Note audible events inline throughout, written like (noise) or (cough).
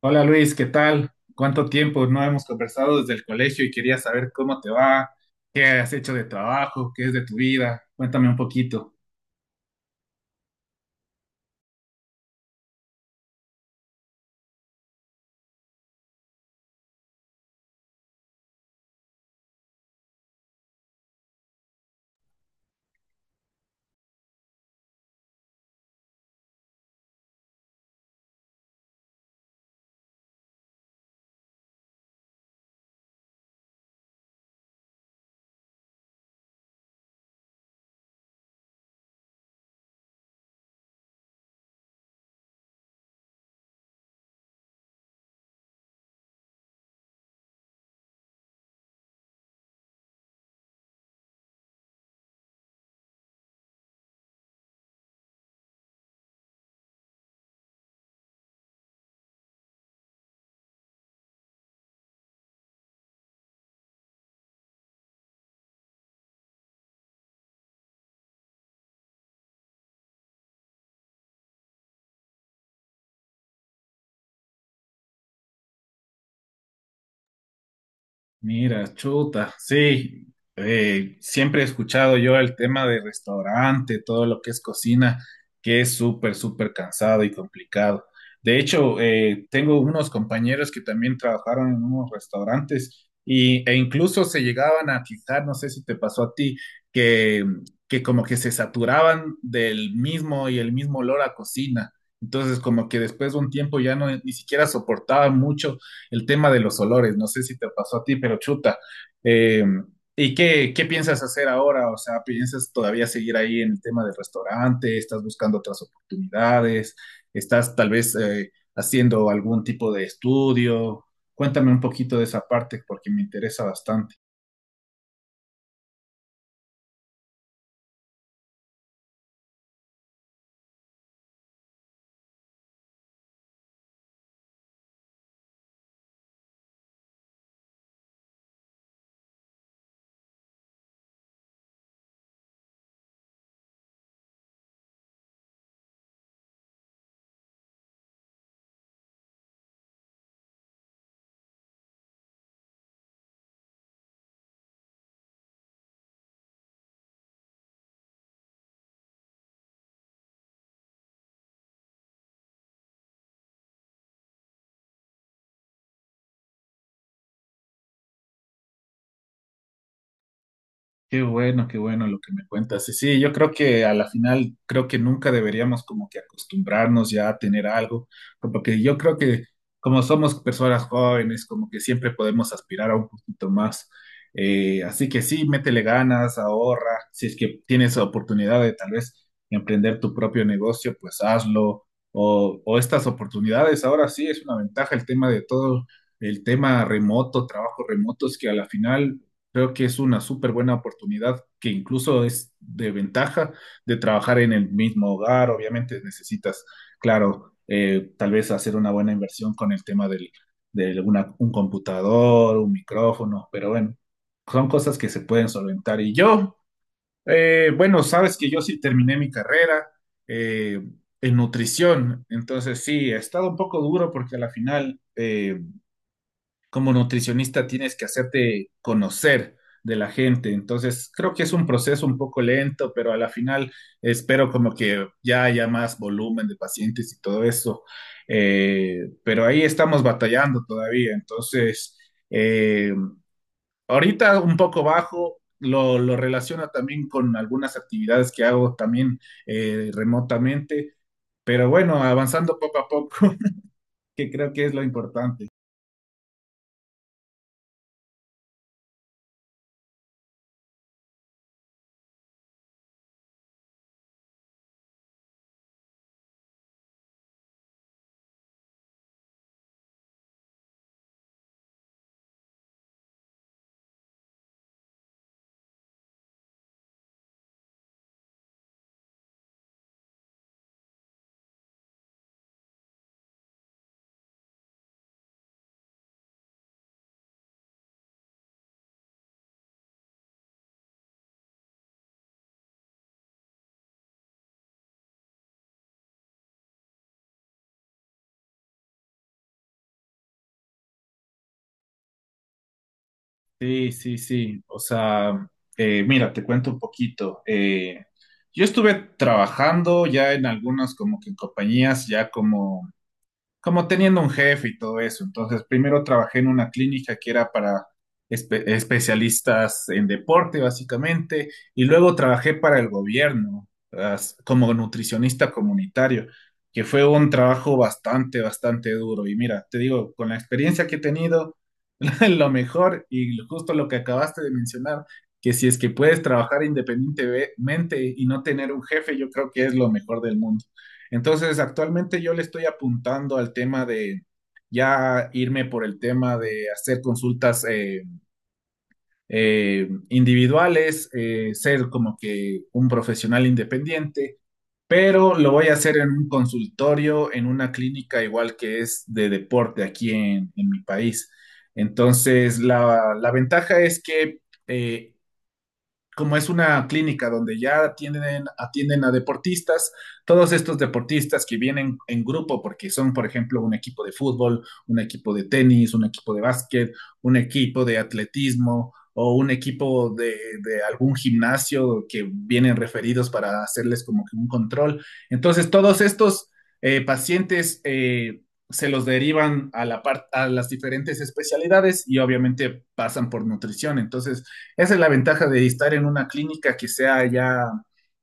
Hola Luis, ¿qué tal? ¿Cuánto tiempo no hemos conversado desde el colegio y quería saber cómo te va, qué has hecho de trabajo, qué es de tu vida? Cuéntame un poquito. Mira, chuta, sí, siempre he escuchado yo el tema de restaurante, todo lo que es cocina, que es súper, súper cansado y complicado. De hecho, tengo unos compañeros que también trabajaron en unos restaurantes y, e incluso se llegaban a fijar, no sé si te pasó a ti, que, que como que se saturaban del mismo y el mismo olor a cocina. Entonces, como que después de un tiempo ya no, ni siquiera soportaban mucho el tema de los olores, no sé si te pasó a ti, pero chuta. Eh, ¿Y qué, qué piensas hacer ahora? O sea, ¿piensas todavía seguir ahí en el tema del restaurante? ¿Estás buscando otras oportunidades? ¿Estás tal vez haciendo algún tipo de estudio? Cuéntame un poquito de esa parte porque me interesa bastante. Qué bueno lo que me cuentas. Y sí, yo creo que a la final, creo que nunca deberíamos como que acostumbrarnos ya a tener algo, porque yo creo que como somos personas jóvenes, como que siempre podemos aspirar a un poquito más. Así que sí, métele ganas, ahorra. Si es que tienes oportunidad de tal vez emprender tu propio negocio, pues hazlo. O estas oportunidades, ahora sí es una ventaja el tema de todo, el tema remoto, trabajo remoto, es que a la final creo que es una súper buena oportunidad que incluso es de ventaja de trabajar en el mismo hogar. Obviamente necesitas, claro, tal vez hacer una buena inversión con el tema de un computador, un micrófono, pero bueno, son cosas que se pueden solventar. Y yo, bueno, sabes que yo sí terminé mi carrera eh, en nutrición, entonces sí, ha estado un poco duro porque a la final. Como nutricionista tienes que hacerte conocer de la gente. Entonces, creo que es un proceso un poco lento, pero a la final espero como que ya haya más volumen de pacientes y todo eso. Pero ahí estamos batallando todavía. Entonces, eh, ahorita un poco bajo. Lo relaciona también con algunas actividades que hago también remotamente, pero bueno, avanzando poco a poco, (laughs) que creo que es lo importante. Sí, sí, sí. O sea, mira, te cuento un poquito. Yo estuve trabajando ya en algunas como que compañías, ya como como teniendo un jefe y todo eso. Entonces, primero trabajé en una clínica que era para especialistas en deporte, básicamente, y luego trabajé para el gobierno, como nutricionista comunitario, que fue un trabajo bastante, bastante duro. Y mira, te digo, con la experiencia que he tenido, (laughs) lo mejor y justo lo que acabaste de mencionar, que si es que puedes trabajar independientemente y no tener un jefe, yo creo que es lo mejor del mundo. Entonces, actualmente yo le estoy apuntando al tema de ya irme por el tema de hacer consultas individuales, ser como que un profesional independiente, pero lo voy a hacer en un consultorio, en una clínica igual que es de deporte aquí en mi país. Entonces, la ventaja es que eh, como es una clínica donde ya atienden, atienden a deportistas, todos estos deportistas que vienen en grupo porque son, por ejemplo, un equipo de fútbol, un equipo de tenis, un equipo de básquet, un equipo de atletismo o un equipo de algún gimnasio que vienen referidos para hacerles como que un control. Entonces, todos estos pacientes... se los derivan a, a las diferentes especialidades y obviamente pasan por nutrición. Entonces, esa es la ventaja de estar en una clínica que sea ya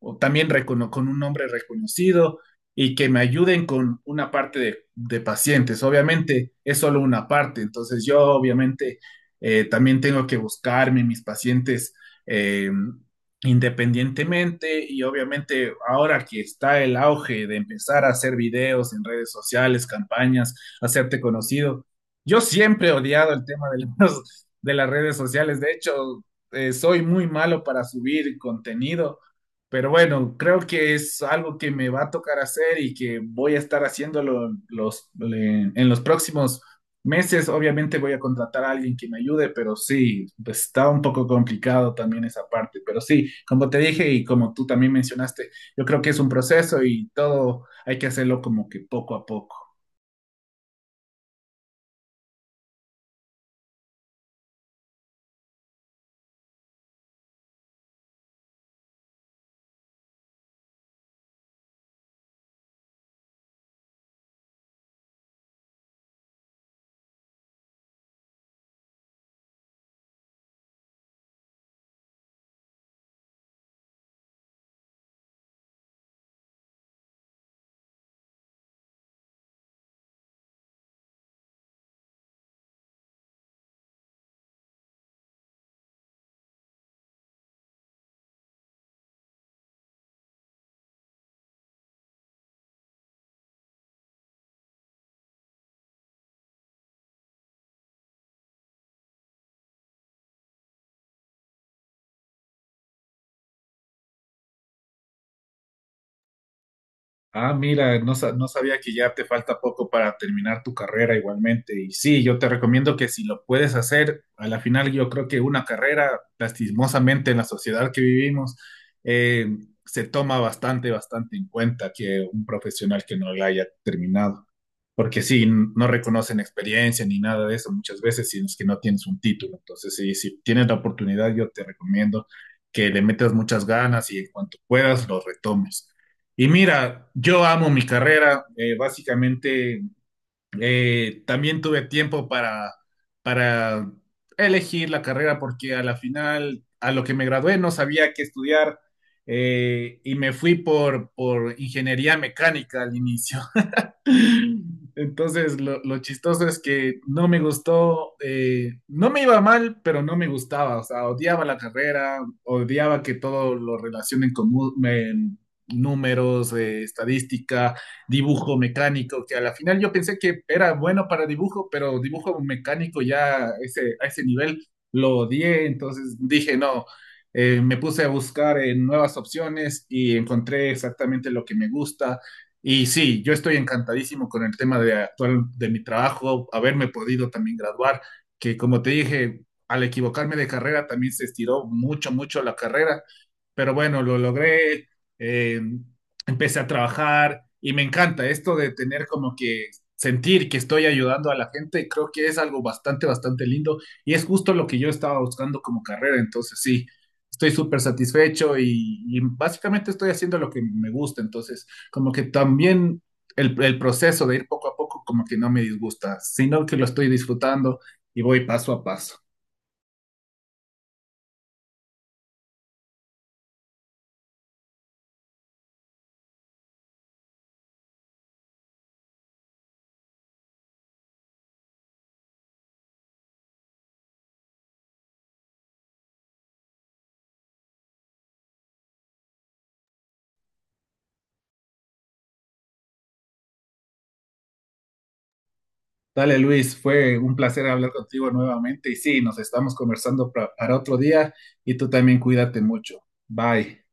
o también con un nombre reconocido y que me ayuden con una parte de pacientes. Obviamente es solo una parte, entonces yo obviamente también tengo que buscarme mis pacientes eh, independientemente y obviamente ahora que está el auge de empezar a hacer videos en redes sociales, campañas, hacerte conocido, yo siempre he odiado el tema de de las redes sociales. De hecho, soy muy malo para subir contenido, pero bueno, creo que es algo que me va a tocar hacer y que voy a estar haciéndolo en los, en los próximos meses. Obviamente voy a contratar a alguien que me ayude, pero sí, pues está un poco complicado también esa parte. Pero sí, como te dije y como tú también mencionaste, yo creo que es un proceso y todo hay que hacerlo como que poco a poco. Ah, mira, no, no sabía que ya te falta poco para terminar tu carrera igualmente. Y sí, yo te recomiendo que si lo puedes hacer, a la final yo creo que una carrera, lastimosamente en la sociedad que vivimos, eh, se toma bastante, bastante en cuenta que un profesional que no la haya terminado porque sí, no reconocen experiencia ni nada de eso muchas veces, si es que no tienes un título. Entonces, sí, si tienes la oportunidad, yo te recomiendo que le metas muchas ganas y en cuanto puedas lo retomes. Y mira, yo amo mi carrera, básicamente también tuve tiempo para elegir la carrera porque a la final, a lo que me gradué, no sabía qué estudiar y me fui por ingeniería mecánica al inicio. Entonces, lo chistoso es que no me gustó, no me iba mal, pero no me gustaba, o sea, odiaba la carrera, odiaba que todo lo relacionen con números, estadística, dibujo mecánico, que a la final yo pensé que era bueno para dibujo, pero dibujo mecánico ya a ese nivel lo odié, entonces dije, no, me puse a buscar nuevas opciones y encontré exactamente lo que me gusta y sí, yo estoy encantadísimo con el tema de actual de mi trabajo, haberme podido también graduar, que como te dije, al equivocarme de carrera también se estiró mucho, mucho la carrera pero bueno, lo logré, eh, empecé a trabajar y me encanta esto de tener como que sentir que estoy ayudando a la gente, creo que es algo bastante, bastante lindo y es justo lo que yo estaba buscando como carrera, entonces sí, estoy súper satisfecho y básicamente estoy haciendo lo que me gusta, entonces como que también el proceso de ir poco a poco como que no me disgusta, sino que lo estoy disfrutando y voy paso a paso. Dale, Luis, fue un placer hablar contigo nuevamente y sí, nos estamos conversando para otro día y tú también cuídate mucho. Bye.